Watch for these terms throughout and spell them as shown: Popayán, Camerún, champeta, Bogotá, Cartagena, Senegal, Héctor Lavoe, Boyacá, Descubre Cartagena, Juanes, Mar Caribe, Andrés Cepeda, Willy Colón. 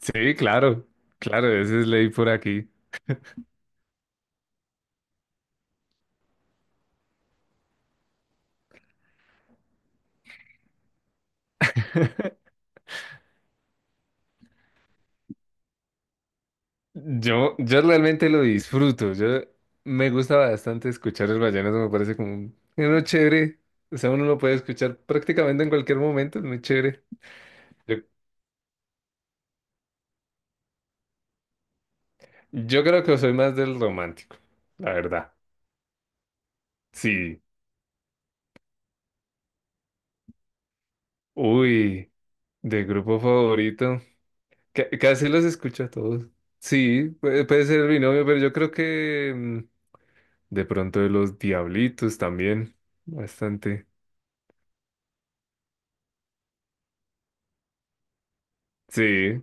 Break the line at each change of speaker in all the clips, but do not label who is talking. Sí, claro, claro, esa es ley por aquí. Yo realmente lo disfruto, yo me gusta bastante escuchar el vallenato, me parece como uno chévere, o sea, uno lo puede escuchar prácticamente en cualquier momento, es muy chévere. Yo, yo creo que soy más del romántico, la verdad. Sí, uy, de grupo favorito, casi los escucho a todos. Sí, puede ser mi novio, pero yo creo que de pronto de los Diablitos también, bastante. Sí.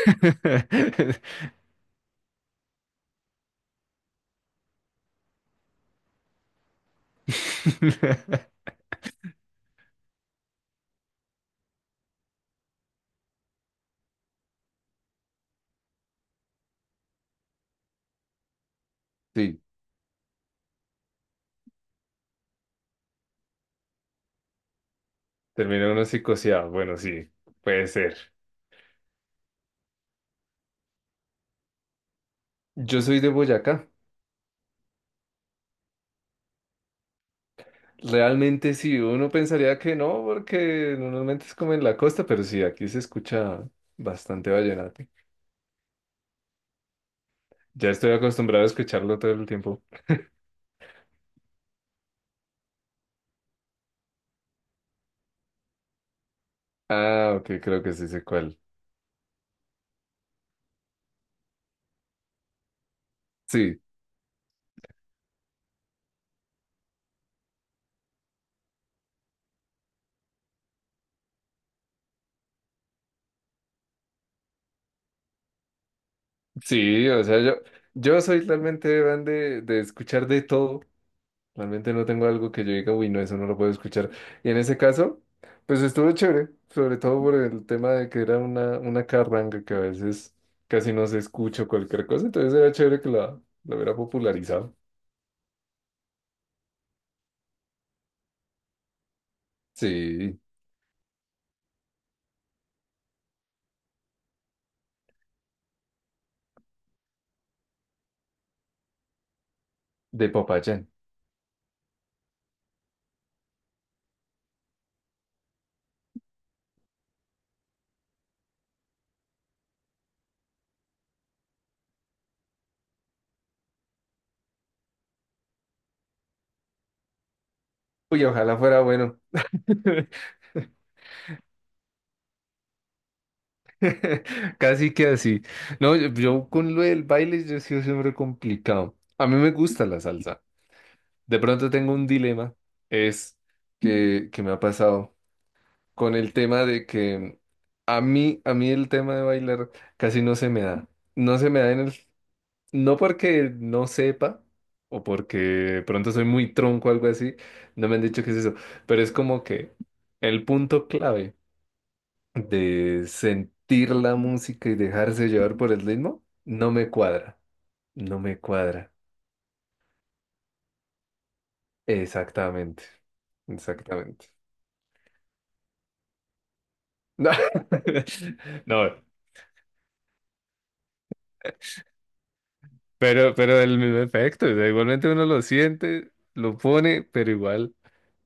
Sí, terminó uno psicoseado. Bueno, sí, puede ser. Yo soy de Boyacá. Realmente sí, uno pensaría que no, porque normalmente es como en la costa, pero sí, aquí se escucha bastante vallenato. Ya estoy acostumbrado a escucharlo todo el tiempo. Ah, ok, creo que sí sé cuál. Sí, sí, o sea, yo soy realmente fan de escuchar de todo. Realmente no tengo algo que yo diga, uy, no, eso no lo puedo escuchar. Y en ese caso, pues estuvo chévere, sobre todo por el tema de que era una carranga que a veces casi no se escucha o cualquier cosa, entonces era chévere que la hubiera popularizado. Sí, de Popayán. Uy, ojalá fuera bueno. Casi que así. No, yo con lo del baile yo he sido siempre complicado. A mí me gusta la salsa. De pronto tengo un dilema, es que me ha pasado. Con el tema de que a mí el tema de bailar casi no se me da. No se me da en el, no porque no sepa o porque de pronto soy muy tronco o algo así, no me han dicho qué es eso, pero es como que el punto clave de sentir la música y dejarse llevar por el ritmo, no me cuadra, no me cuadra. Exactamente, exactamente. No, pero el mismo efecto, o sea, igualmente uno lo siente, lo pone, pero igual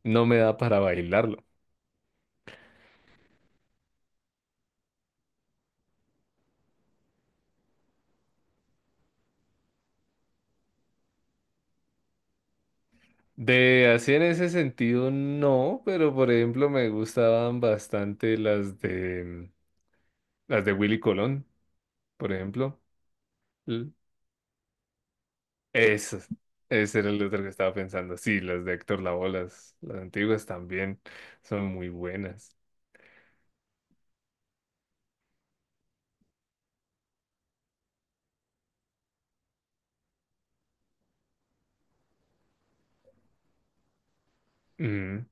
no me da para bailarlo. De así en ese sentido no, pero por ejemplo me gustaban bastante las de Willy Colón, por ejemplo. L- Esas, ese era el otro que estaba pensando. Sí, las de Héctor Lavoe, las antiguas también son muy buenas. Mm.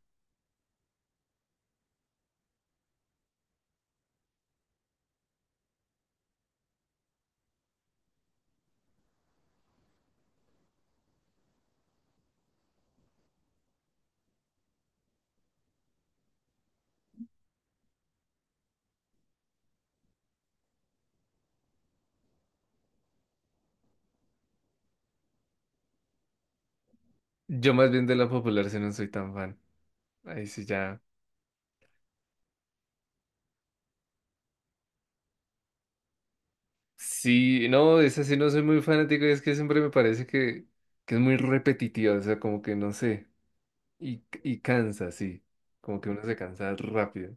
Yo más bien de la popular si no soy tan fan. Ahí sí ya. Sí, no, esa sí no soy muy fanático y es que siempre me parece que es muy repetitiva, o sea, como que no sé, y cansa, sí, como que uno se cansa rápido,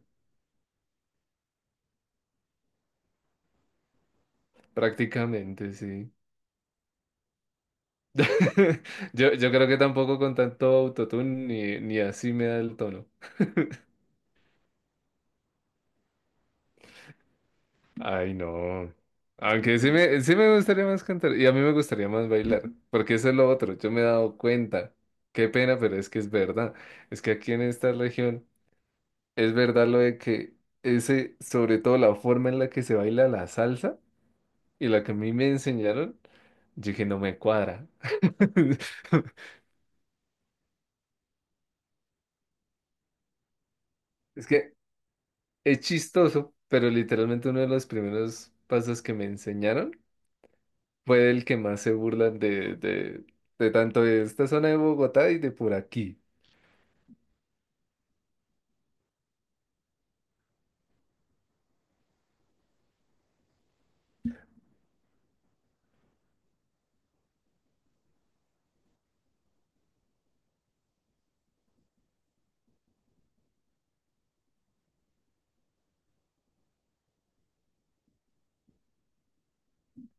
prácticamente, sí. Yo creo que tampoco con tanto autotune ni así me da el tono. Ay, no. Aunque sí me gustaría más cantar y a mí me gustaría más bailar, porque eso es lo otro, yo me he dado cuenta. Qué pena, pero es que es verdad. Es que aquí en esta región... Es verdad lo de que ese, sobre todo la forma en la que se baila la salsa y la que a mí me enseñaron, yo dije, no me cuadra. Es que es chistoso, pero literalmente uno de los primeros pasos que me enseñaron fue el que más se burlan de tanto de esta zona de Bogotá y de por aquí.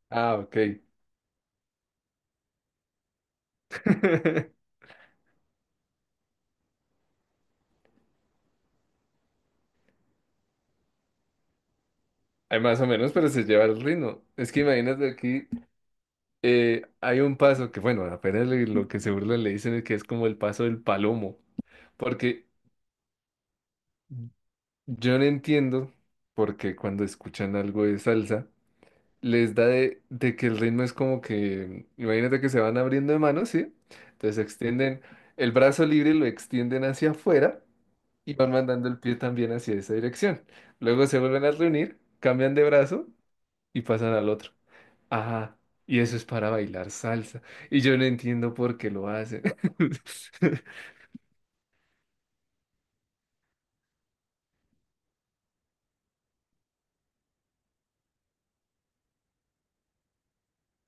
Ah, ok. Hay más o menos, pero se lleva el ritmo. Es que imagínate aquí. Hay un paso que, bueno, apenas lo que se burlan le dicen es que es como el paso del palomo, porque yo no entiendo porque cuando escuchan algo de salsa les da de que el ritmo es como que, imagínate que se van abriendo de manos, ¿sí? Entonces extienden el brazo libre, lo extienden hacia afuera y van mandando el pie también hacia esa dirección. Luego se vuelven a reunir, cambian de brazo y pasan al otro. Ajá, y eso es para bailar salsa. Y yo no entiendo por qué lo hacen.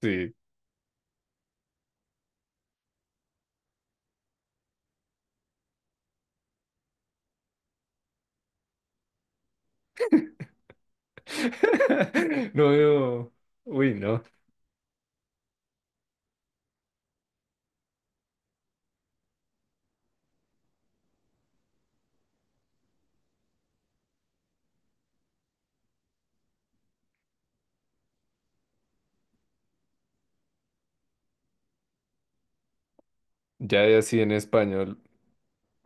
Sí. No veo. Uy, no. Ya de así en español.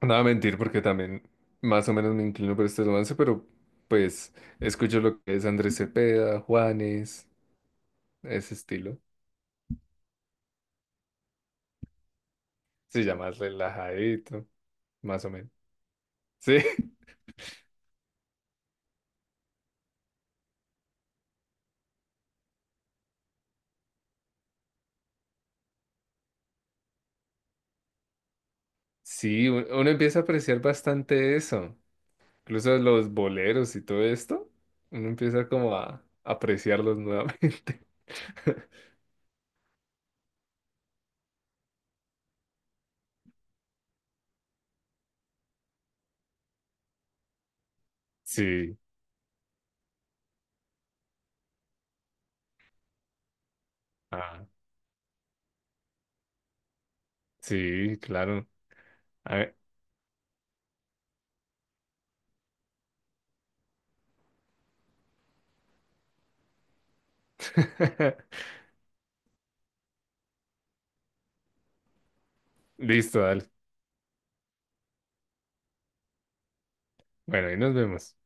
No voy a mentir porque también más o menos me inclino por este romance, pero pues escucho lo que es Andrés Cepeda, Juanes, ese estilo. Sí, ya más relajadito, más o menos. Sí. Sí, uno empieza a apreciar bastante eso. Incluso los boleros y todo esto, uno empieza como a apreciarlos nuevamente. Sí, ah, sí, claro. A ver. Listo, dale. Bueno, ahí nos vemos.